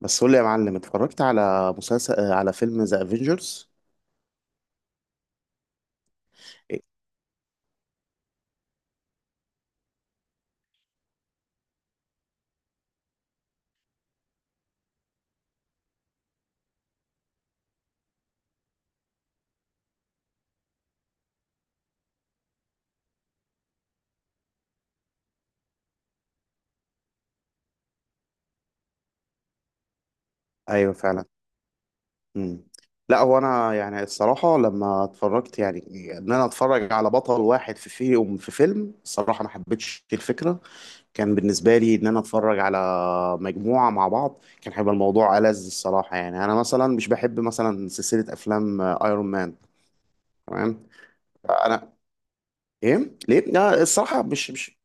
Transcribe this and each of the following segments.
بس قول لي يا معلم، اتفرجت على مسلسل على فيلم ذا افنجرز؟ ايوه فعلا. مم. لا هو انا يعني الصراحه لما اتفرجت، يعني ان انا اتفرج على بطل واحد في فيهم، في فيلم الصراحه ما حبيتش الفكره. كان بالنسبه لي ان انا اتفرج على مجموعة مع بعض، كان هيبقى الموضوع ألذ الصراحة. يعني أنا مثلا مش بحب مثلا سلسلة أفلام أيرون مان. تمام. أنا، إيه ليه؟ لا الصراحة مش،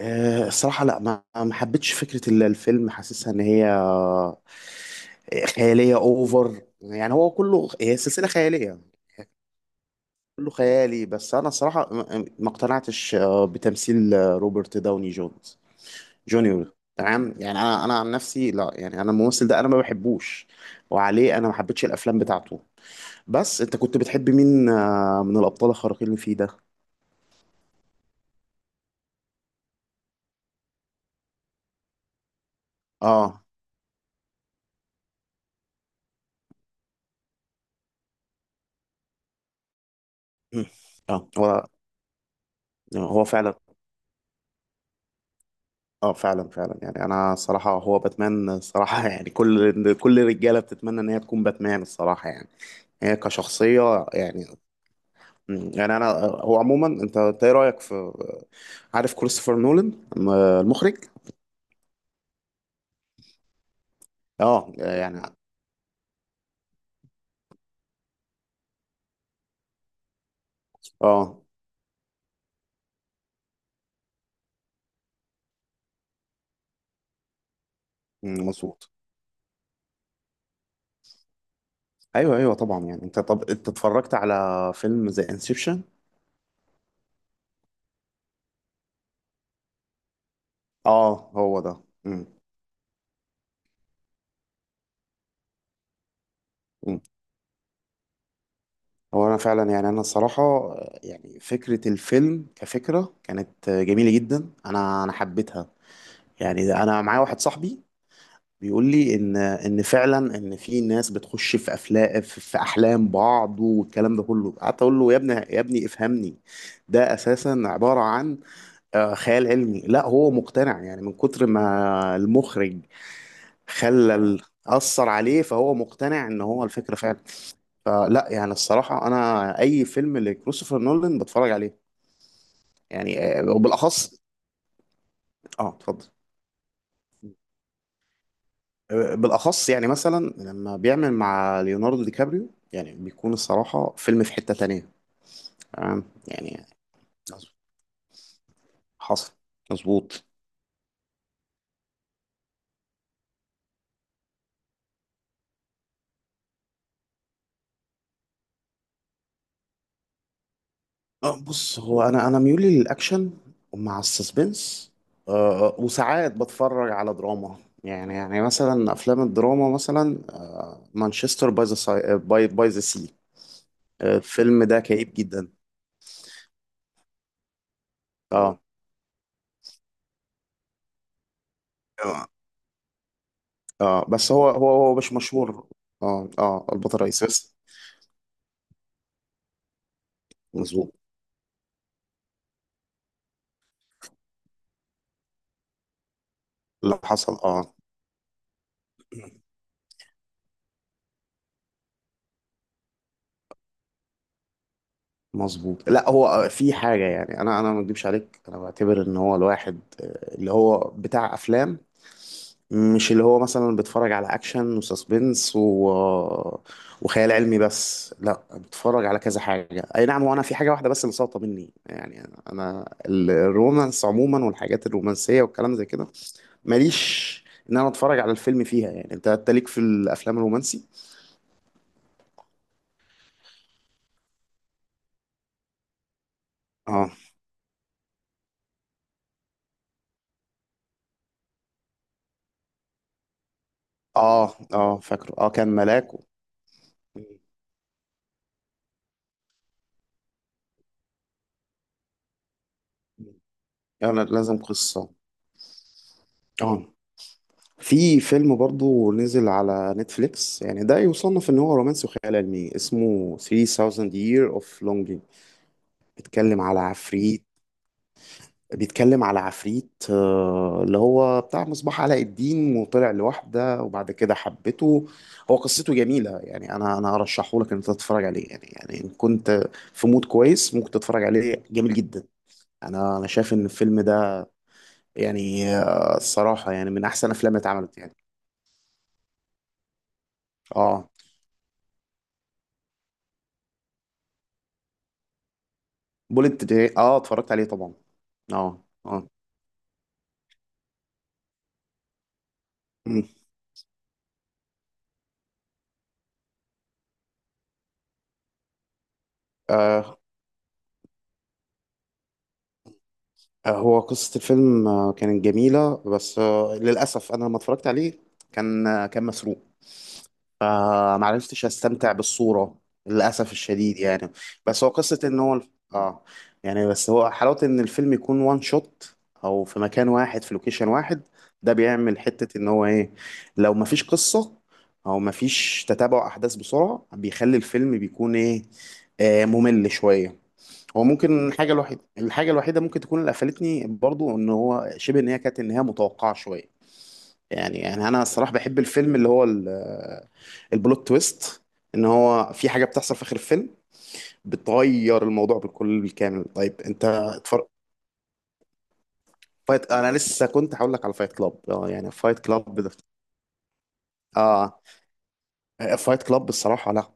الصراحة لا ما حبيتش فكرة الفيلم، حاسسها إن هي خيالية أوفر. يعني هو كله هي سلسلة خيالية، كله خيالي. بس أنا الصراحة ما اقتنعتش بتمثيل روبرت داوني جونز جونيور. تمام يعني انا، عن نفسي لا، يعني انا الممثل ده انا ما بحبوش، وعليه انا ما حبيتش الافلام بتاعته. بس انت كنت بتحب مين من الابطال الخارقين اللي فيه ده؟ اه. مم. اه هو هو فعلا. اه فعلا فعلا، يعني انا صراحة هو باتمان صراحة يعني كل الرجالة بتتمنى ان هي تكون باتمان الصراحة، يعني هي كشخصية يعني. مم، يعني انا هو عموما، انت ايه رأيك في عارف كريستوفر نولان المخرج؟ اه يعني. اه مم، مظبوط. ايوه ايوه طبعا. يعني انت، طب انت اتفرجت على فيلم زي انسبشن؟ اه هو ده. مم. مم. هو انا فعلا يعني، انا الصراحه يعني فكره الفيلم كفكره كانت جميله جدا، انا حبيتها. يعني انا معايا واحد صاحبي بيقول لي ان فعلا ان في ناس بتخش في افلام، في احلام بعض والكلام ده كله. قعدت اقول له يا ابني يا ابني افهمني، ده اساسا عباره عن خيال علمي. لا هو مقتنع يعني من كتر ما المخرج خلى ال- أثر عليه، فهو مقتنع إن هو الفكرة فعلا. فلا يعني الصراحة، أنا أي فيلم لكريستوفر نولان بتفرج عليه. يعني وبالأخص، آه اتفضل. بالاخص يعني مثلا لما بيعمل مع ليوناردو دي كابريو، يعني بيكون الصراحه فيلم في حته تانية. تمام يعني، حصل، مظبوط. بص هو، انا ميولي للاكشن مع السسبنس، وساعات بتفرج على دراما. يعني مثلا افلام الدراما مثلا، مانشستر باي ذا سي. الفيلم ده كئيب جدا. اه اه. بس هو مش مشهور. اه اه البطل الرئيسي بس. مظبوط. اللي حصل اه. مظبوط. لا هو في حاجه يعني، انا ما اكدبش عليك، انا بعتبر ان هو الواحد اللي هو بتاع افلام مش اللي هو مثلا بتفرج على اكشن وساسبنس و... وخيال علمي بس. لا بتفرج على كذا حاجه اي نعم. وانا في حاجه واحده بس اللي ساقطه مني، يعني انا الرومانس عموما والحاجات الرومانسيه والكلام زي كده ماليش ان انا اتفرج على الفيلم فيها. يعني انت، ليك في الافلام الرومانسي؟ اه اه اه فاكره، اه كان ملاك و... انا لازم قصه. اه في فيلم برضو نزل على نتفليكس يعني ده يصنف ان هو رومانسي وخيال علمي، اسمه 3000 Year of Longing. بيتكلم على عفريت، اللي هو بتاع مصباح علاء الدين وطلع لوحده وبعد كده حبته. هو قصته جميلة، يعني انا ارشحه لك ان انت تتفرج عليه. يعني ان كنت في مود كويس ممكن تتفرج عليه، جميل جدا. انا شايف ان الفيلم ده يعني الصراحة يعني من احسن افلام اتعملت يعني. اه. بوليت ترين، اه اتفرجت عليه طبعا. اه اه. مم. آه. هو قصة الفيلم كانت جميلة، بس آه للأسف أنا لما اتفرجت عليه كان، كان مسروق، فمعرفتش استمتع بالصورة. للأسف الشديد يعني. بس هو قصة ان هو اه يعني، بس هو حلاوة ان الفيلم يكون وان شوت، او في مكان واحد، في لوكيشن واحد. ده بيعمل حتة ان هو ايه، لو مفيش قصة او مفيش تتابع احداث بسرعة بيخلي الفيلم بيكون ايه، ممل شوية. هو ممكن الحاجة الوحيدة، ممكن تكون اللي قفلتني برضو، ان هو شبه ان هي كانت النهاية متوقعة شوية. يعني انا الصراحه بحب الفيلم اللي هو البلوت تويست، ان هو في حاجه بتحصل في اخر الفيلم بتغير الموضوع بالكل بالكامل. طيب انت اتفرج؟ فايت، انا لسه كنت هقول لك على فايت كلاب اه. يعني فايت كلاب ده، اه، فايت كلاب بصراحه. لا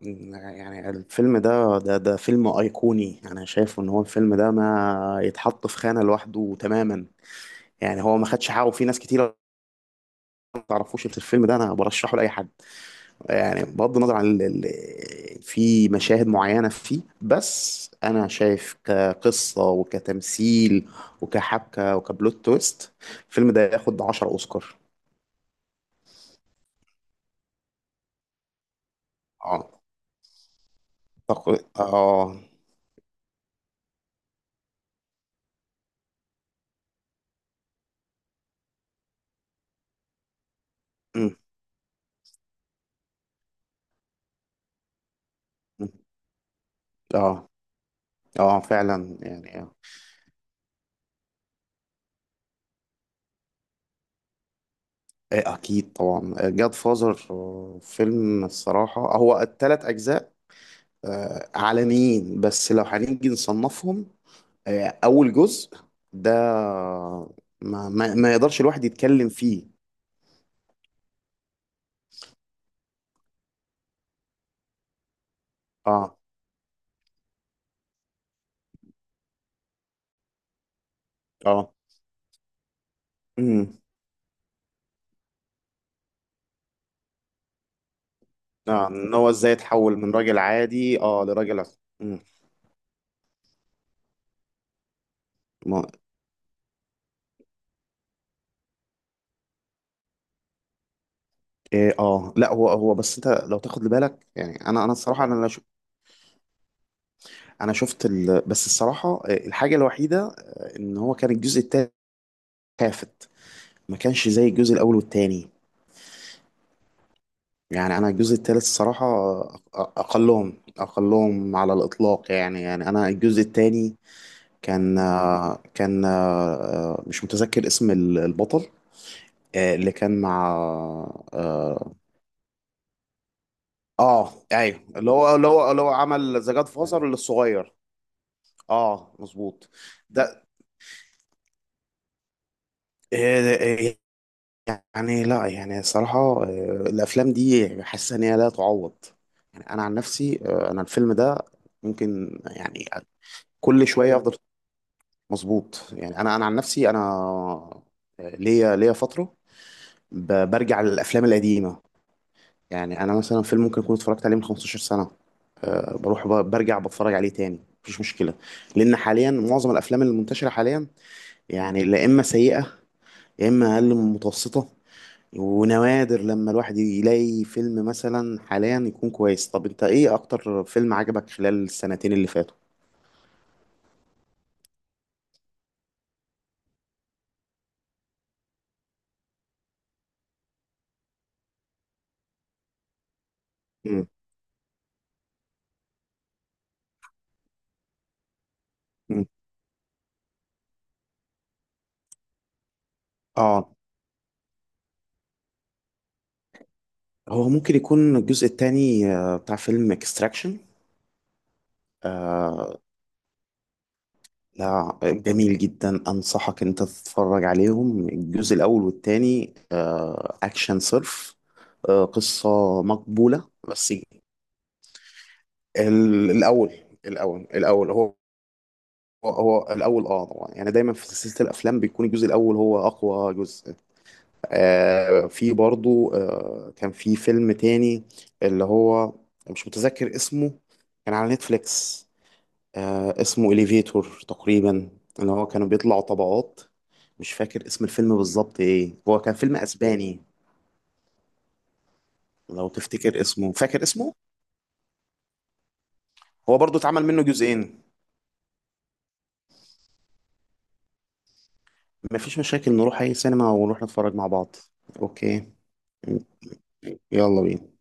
يعني الفيلم ده فيلم ايقوني. انا شايفه ان هو الفيلم ده ما يتحط في خانه لوحده تماما. يعني هو ما خدش حقه، في ناس كتير ما تعرفوش الفيلم ده. انا برشحه لاي حد. يعني بغض النظر عن في مشاهد معينة فيه، بس أنا شايف كقصة وكتمثيل وكحبكة وكبلوت تويست، الفيلم ده ياخد 10 أوسكار. اه أعتقد، اه م- م- اه اه فعلا يعني آه. إيه، أكيد طبعا جاد فازر فيلم الصراحة. هو التلات أجزاء عالميين، بس لو هنيجي نصنفهم اول جزء ده ما يقدرش الواحد يتكلم فيه. اه اه. امم. اه ان هو ازاي اتحول من راجل عادي، اه لراجل امم، ما إيه اه. لا هو، بس انت لو تاخد بالك، يعني انا الصراحه، انا لا شو، انا شفت بس الصراحه الحاجه الوحيده ان هو كان الجزء التالت خافت، ما كانش زي الجزء الاول والتاني. يعني انا الجزء التالت الصراحه اقلهم على الاطلاق. يعني انا الجزء التاني كان مش متذكر اسم البطل اللي كان مع، اه ايوه اللي هو عمل ذا جاد فازر الصغير. اه مظبوط. ده آه، يعني لا يعني صراحة آه، الافلام دي حاسس ان هي لا تعوض. يعني انا عن نفسي انا الفيلم ده ممكن يعني كل شوية افضل. مظبوط. يعني انا عن نفسي، انا ليا فترة برجع للافلام القديمة. يعني انا مثلا فيلم ممكن اكون اتفرجت عليه من 15 سنه، أه بروح برجع بتفرج عليه تاني مفيش مشكله. لان حاليا معظم الافلام اللي منتشره حاليا يعني لا اما سيئه، يا اما اقل من متوسطه. ونوادر لما الواحد يلاقي فيلم مثلا حاليا يكون كويس. طب انت ايه اكتر فيلم عجبك خلال السنتين اللي فاتوا؟ مم. مم. اه هو ممكن يكون الجزء الثاني بتاع فيلم اكستراكشن. لا جميل جدا، انصحك ان انت تتفرج عليهم الجزء الاول والتاني، اكشن صرف، قصة مقبولة بس. الاول، الاول هو، هو الاول اه طبعا. يعني دايما في سلسلة الافلام بيكون الجزء الاول هو اقوى جزء. في برضو كان في فيلم تاني اللي هو مش متذكر اسمه، كان على نتفليكس، آه اسمه إليفيتور تقريبا، اللي هو كانوا بيطلعوا طبقات. مش فاكر اسم الفيلم بالظبط ايه، هو كان فيلم اسباني. لو تفتكر اسمه، فاكر اسمه؟ هو برضو اتعمل منه جزئين. مفيش مشاكل، نروح اي سينما ونروح نتفرج مع بعض. اوكي، يلا بينا.